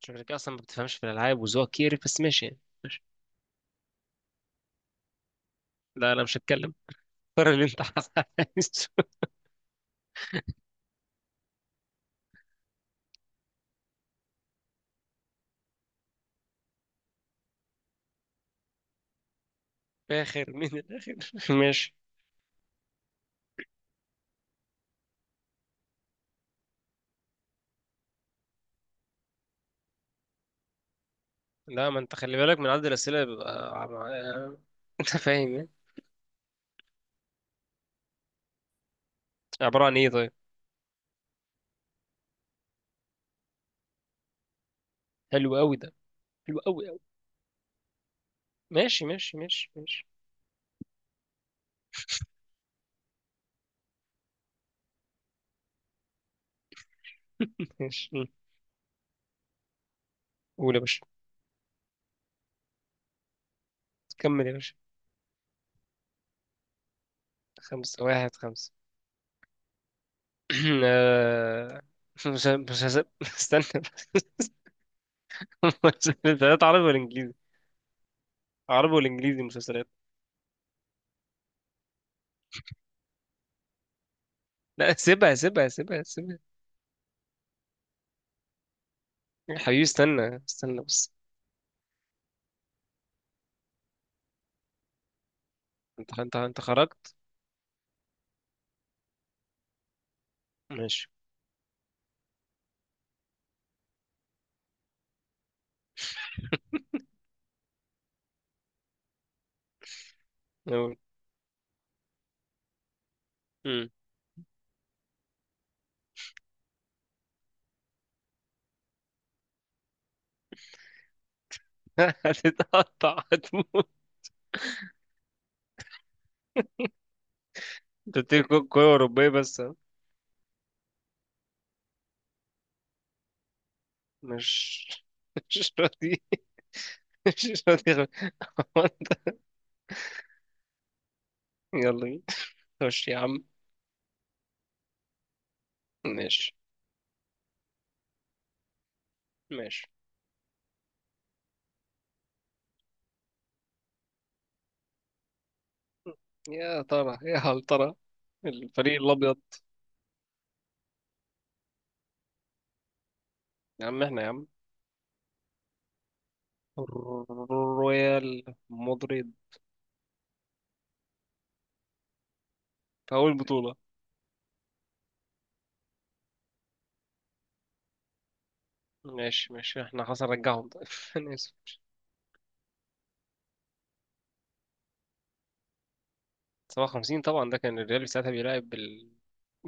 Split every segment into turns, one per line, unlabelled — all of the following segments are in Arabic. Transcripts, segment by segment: شكلك اصلا ما بتفهمش في الالعاب وذوقك كيري، بس ماشي يعني. لا، انا مش هتكلم. قرر اللي انت عايزه. فاخر من الاخر. ماشي. لا، ما انت خلي بالك من عدد الاسئله، بيبقى انت فاهم يعني. عباره عن ايه طيب؟ حلو قوي ده. حلو قوي قوي. ماشي ماشي ماشي ماشي ماشي. مم. قول يا باشا. كمل يا باشا. خمسة واحد خمسة. آه، مش ه- مش هس- استنى بس. مسلسلات عربي ولا انجليزي؟ عربي ولا انجليزي مسلسلات؟ لا، سيبها سيبها سيبها سيبها. يا حبيبي استنى استنى بس. انت خرجت. ماشي. نقول. امم. هتتقطع هتموت. انت بتيجي كورة أوروبية بس ها؟ مش مش راضي. مش راضي أخد- يلا بينا. خش يا عم. ماشي ماشي. يا ترى يا هل ترى. الفريق الأبيض. يا عم احنا يا عم. رويال مدريد. في أول بطولة. ماشي ماشي، احنا خلاص نرجعهم. طيب. أنا آسف. 57؟ طبعا، ده كان الريال ساعتها بيلعب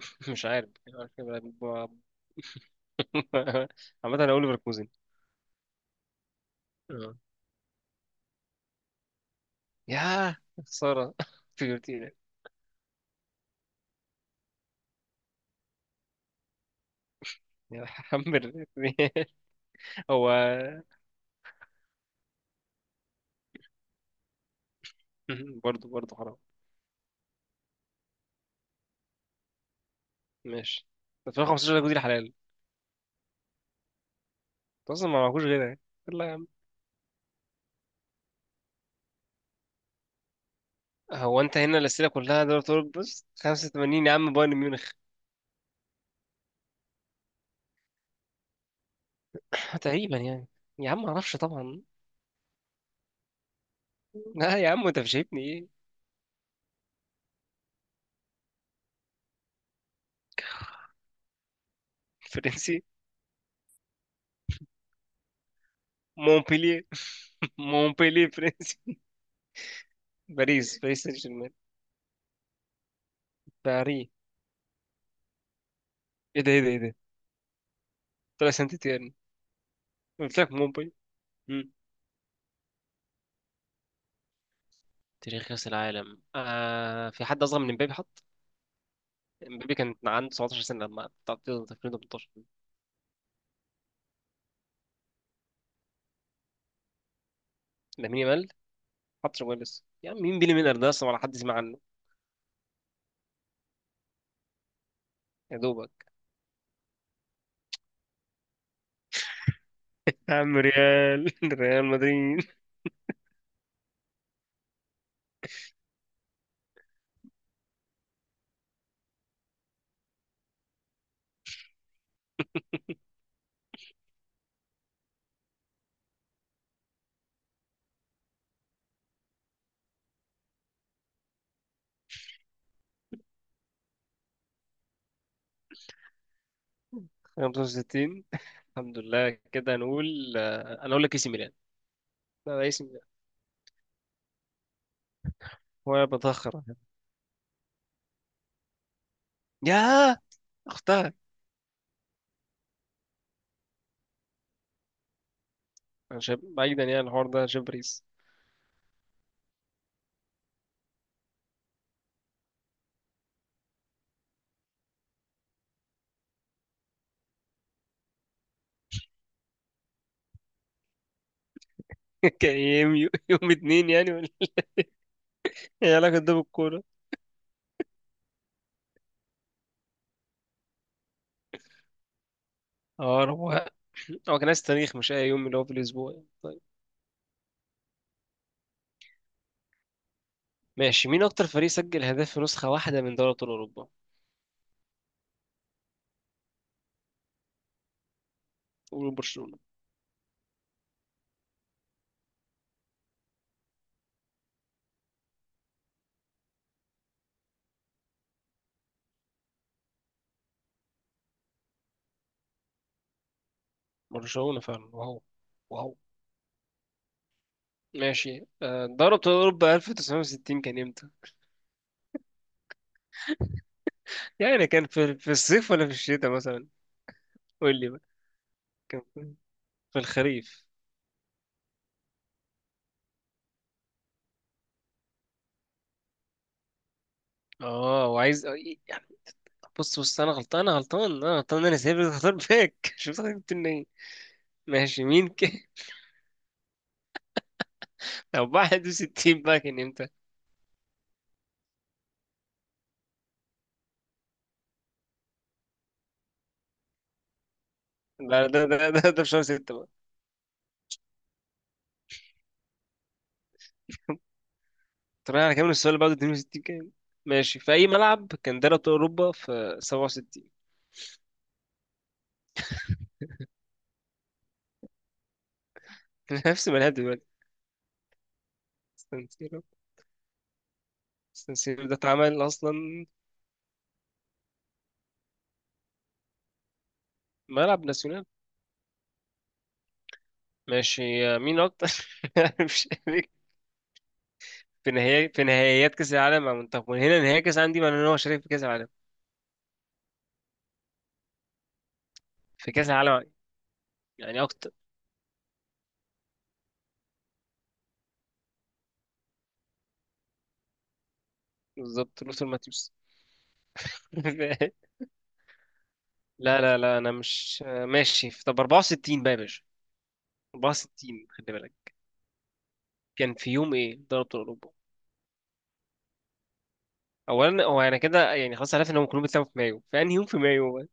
مش عارف كان عارف كان بيلعب عامة انا اقول ليفركوزن. آه. يا خسارة. فيورتينا. يا حمر. هو. برضه حرام. ماشي. 2015 ده جديد الحلال. انت اصلا ما معكوش غيرها يعني. يلا يا عم. هو انت هنا الاسئله كلها دوري ابطال؟ بص، 85 يا عم، بايرن ميونخ. تقريبا يعني. يا عم ما اعرفش طبعا. لا يا عم، انت مش شايفني ايه؟ فرنسي. مونبلييه. مونبلييه فرنسي. باريس باريس سان جيرمان. باري. ايه ده ايه ده ايه ده. طلع سانت تيرن. قلت لك مومباي. مم. تاريخ كأس العالم، في حد أصغر من امبابي حط؟ امبابي كان عنده 17 سنة لما تعطيه 2018. لامين يامال حط، شغال لسه يا عم. مين بيلي ميلر ده أصلا؟ ولا حد سمع عنه؟ يا دوبك. يا عم ريال، ريال مدريد. 65؟ الحمد لله كده نقول. أنا أقول لك إي سي ميلان. لا، ده إي سي ميلان. هو أنا بتأخر؟ يا أختها. أنا شايف بعيدا، يعني الحوار ده شايف باريس. كان يوم اتنين يعني ولا؟ ايه علاقة ده بالكورة؟ اه روقان. هو كان عايز تاريخ، مش اي يوم اللي هو في الاسبوع يعني. طيب. ماشي، مين اكتر فريق سجل هدف في نسخة واحدة من دوري ابطال اوروبا؟ قولوا برشلونة. برشلونة فعلا. واو. واو. ماشي، دوري ابطال اوروبا 1960 كان امتى؟ يعني كان في الصيف ولا في الشتاء مثلا؟ قول لي بقى. كان في الخريف. اه، وعايز يعني. بص بص، انا غلطان انا غلطان انا غلطان، انا سايب اختار باك. شفت انا جبت منين؟ ماشي. طب 61 بقى كان امتى؟ ده في شهر 6 بقى. طب انا هكمل السؤال اللي بعده، 62 كام؟ ماشي، في اي ملعب كان دوري ابطال اوروبا في 67؟ نفس الملعب دلوقتي. سان سيرو. سان سيرو ده اتعمل اصلا؟ ملعب ناسيونال. ماشي. مين اكتر. مش عارف. في نهائيات كاس العالم مع منتخب من هنا. نهائي كاس العالم دي معناه ان هو شارك في كاس العالم. في كاس العالم. يعني اكتر. بالظبط، لوثر ماتيوس. لا لا لا، انا مش ماشي. طب 64 بقى يا باشا. 64 خلي بالك. كان في يوم ايه دوري ابطال اوروبا؟ اولا هو انا كده يعني خلاص عرفت انهم كلهم بيتلعبوا في مايو. في انهي يوم في مايو بقى؟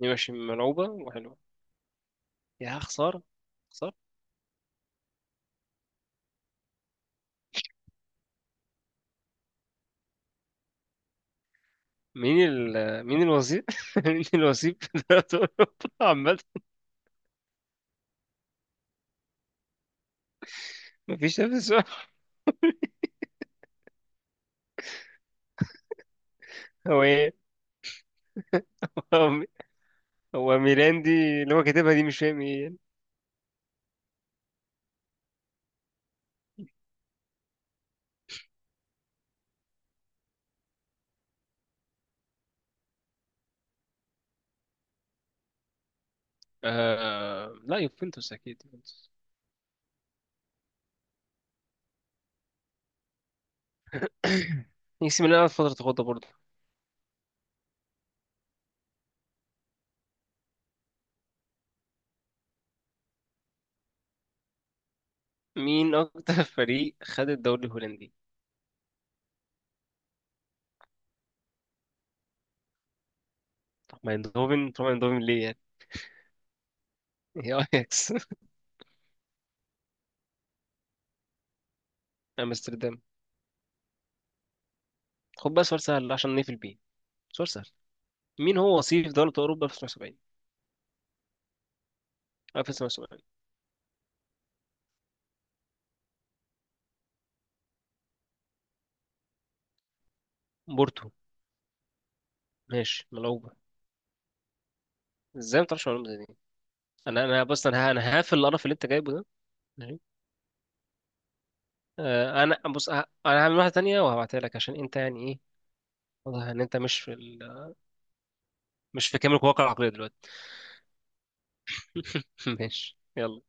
دي ماشي، ملعوبه وحلوه. يا خساره. خساره. مين الوظيف. مين الوظيف في دوري ابطال اوروبا عامه؟ مفيش نفس. هو ايه؟ هو هو ميلان دي اللي هو كاتبها دي، مش فاهم ايه يعني. لا، يوفنتوس اكيد يوفنتوس. اي سي ميلان قعدت فترة تاخدها برضه. مين أكتر فريق خد الدوري الهولندي؟ طبعا اندوفن طبعا اندوفن، ليه يعني؟ هي اياكس. امستردام. خد بقى سؤال سهل عشان نقفل بيه. سؤال سهل. مين هو وصيف دولة أوروبا في 1970، أو في 1970؟ بورتو. ماشي ملعوبة. ازاي ما تعرفش معلومة زي دي؟ انا بص، انا هقفل القرف اللي انت جايبه ده. ماشي. انا بص انا هعمل واحدة تانية وهبعتها لك، عشان انت يعني ايه. واضح ان انت مش مش في كامل قواك العقلية دلوقتي. ماشي يلا.